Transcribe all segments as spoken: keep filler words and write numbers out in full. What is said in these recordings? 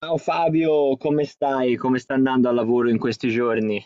Ciao Fabio, come stai? Come sta andando al lavoro in questi giorni?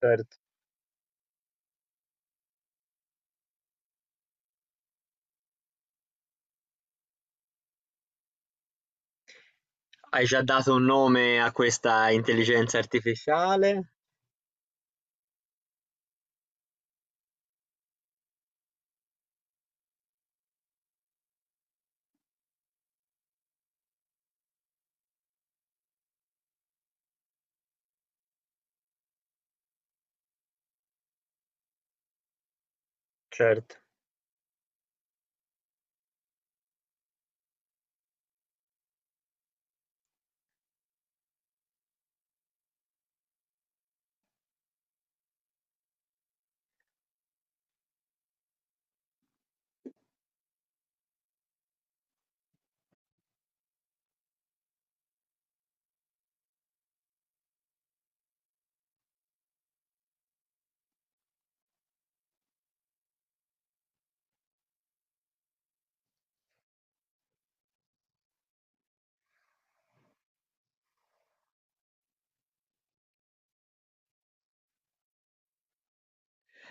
Certo. Hai già dato un nome a questa intelligenza artificiale? Certo.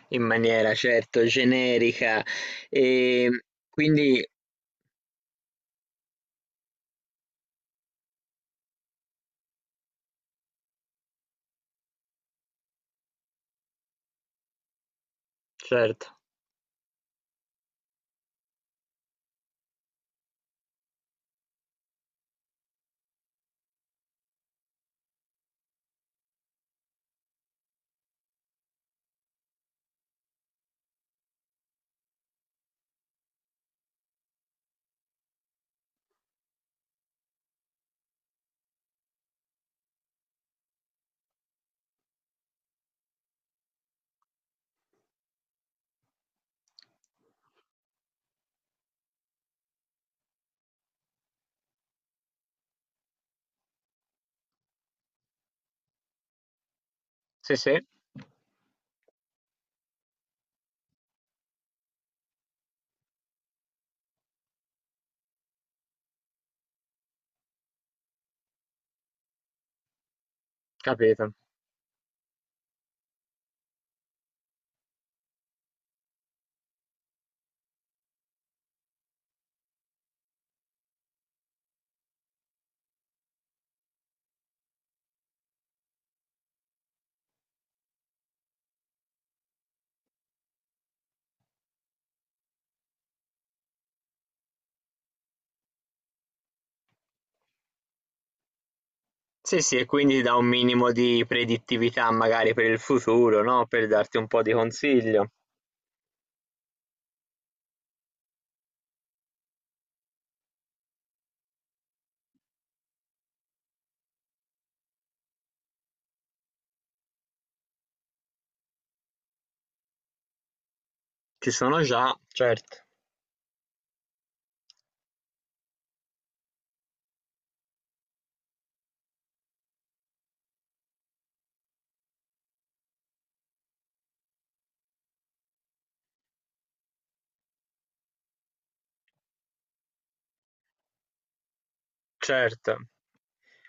In maniera certo generica. E quindi, certo, sì, sì, capito. Sì, sì, e quindi da un minimo di predittività magari per il futuro, no? Per darti un po' di consiglio. Ci sono già, certo, certo.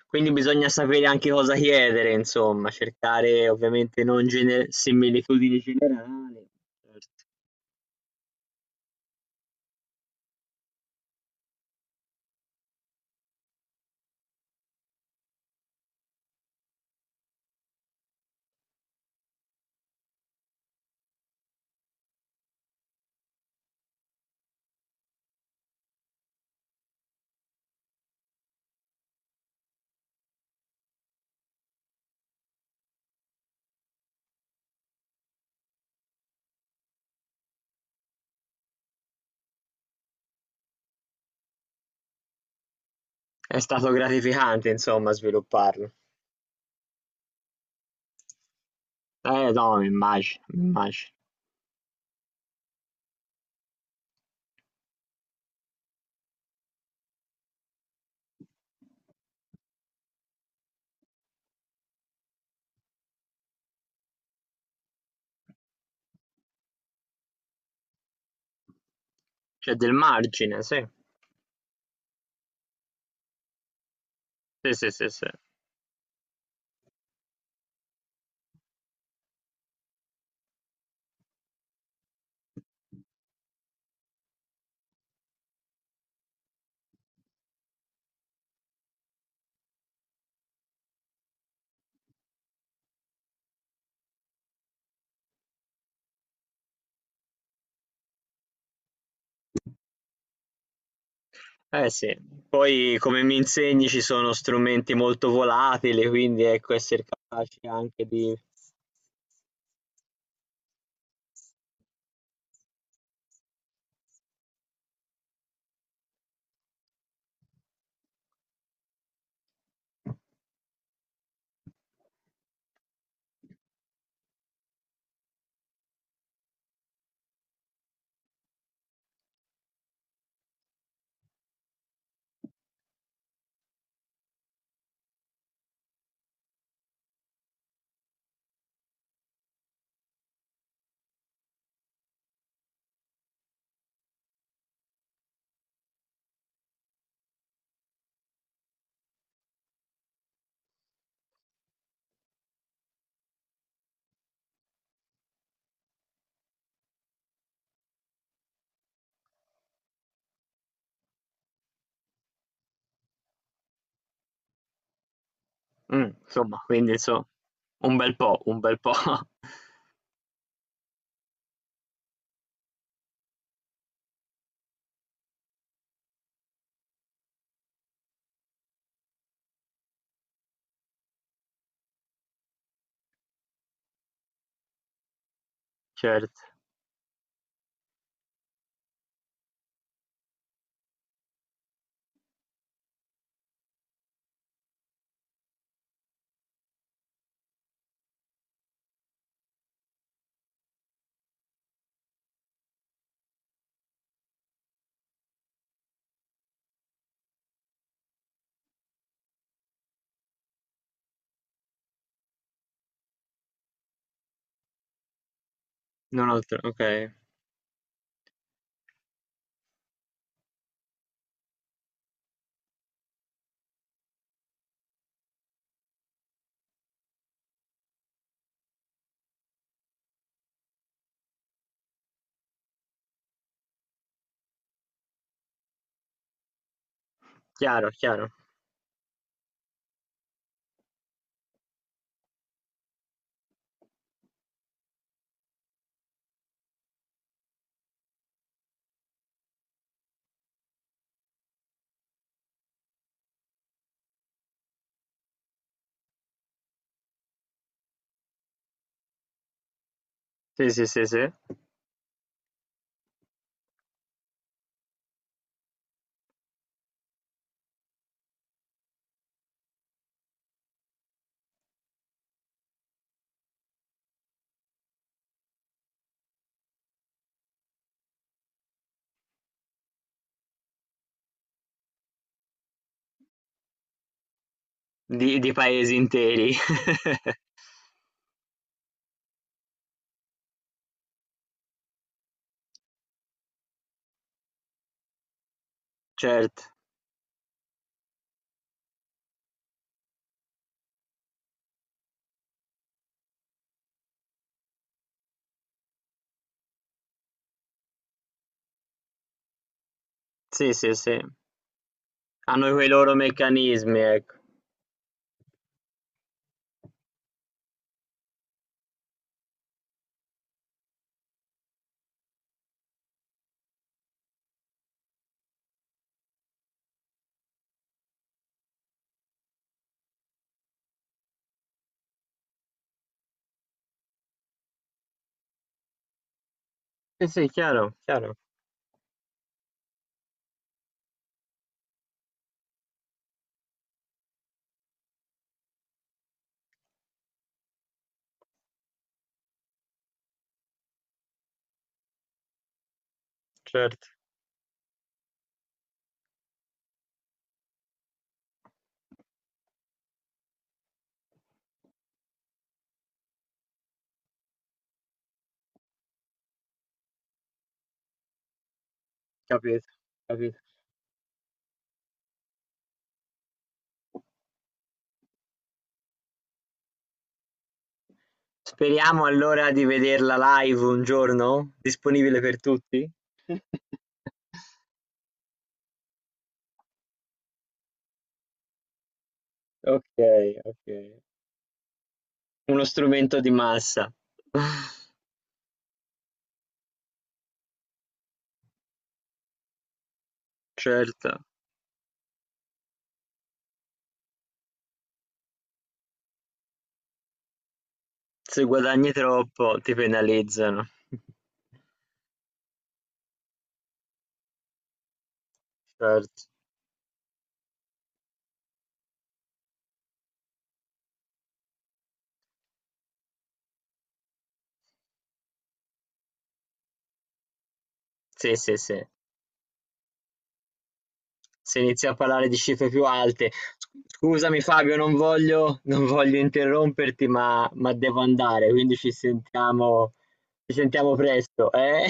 Quindi bisogna sapere anche cosa chiedere, insomma, cercare ovviamente non gene- similitudini generali. Certo. È stato gratificante, insomma, svilupparlo. Eh no, mi immagino, mi immagino. C'è del margine, sì. Sì, sì, sì, sì. Eh sì. Poi, come mi insegni, ci sono strumenti molto volatili, quindi ecco, essere capaci anche di... Mm, insomma, quindi insomma, un bel po', un bel po'. Certo, non altro, ok. Chiaro, chiaro. Sì, sì, sì, sì. Di di paesi interi. Certo. Sì, sì, sì. Hanno quei loro meccanismi, ecco. Sì, sì, chiaro, chiaro, certo. Capito, capito. Speriamo allora di vederla live un giorno, disponibile per tutti. Okay, okay. Uno strumento di massa. Certo. Se guadagni troppo ti penalizzano. Certo. Sì, sì, sì. Se inizi a parlare di cifre più alte. Scusami Fabio, non voglio, non voglio interromperti, ma, ma devo andare, quindi ci sentiamo, ci sentiamo presto, eh?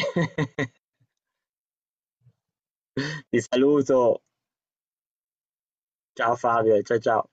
Ti saluto. Ciao Fabio, ciao ciao.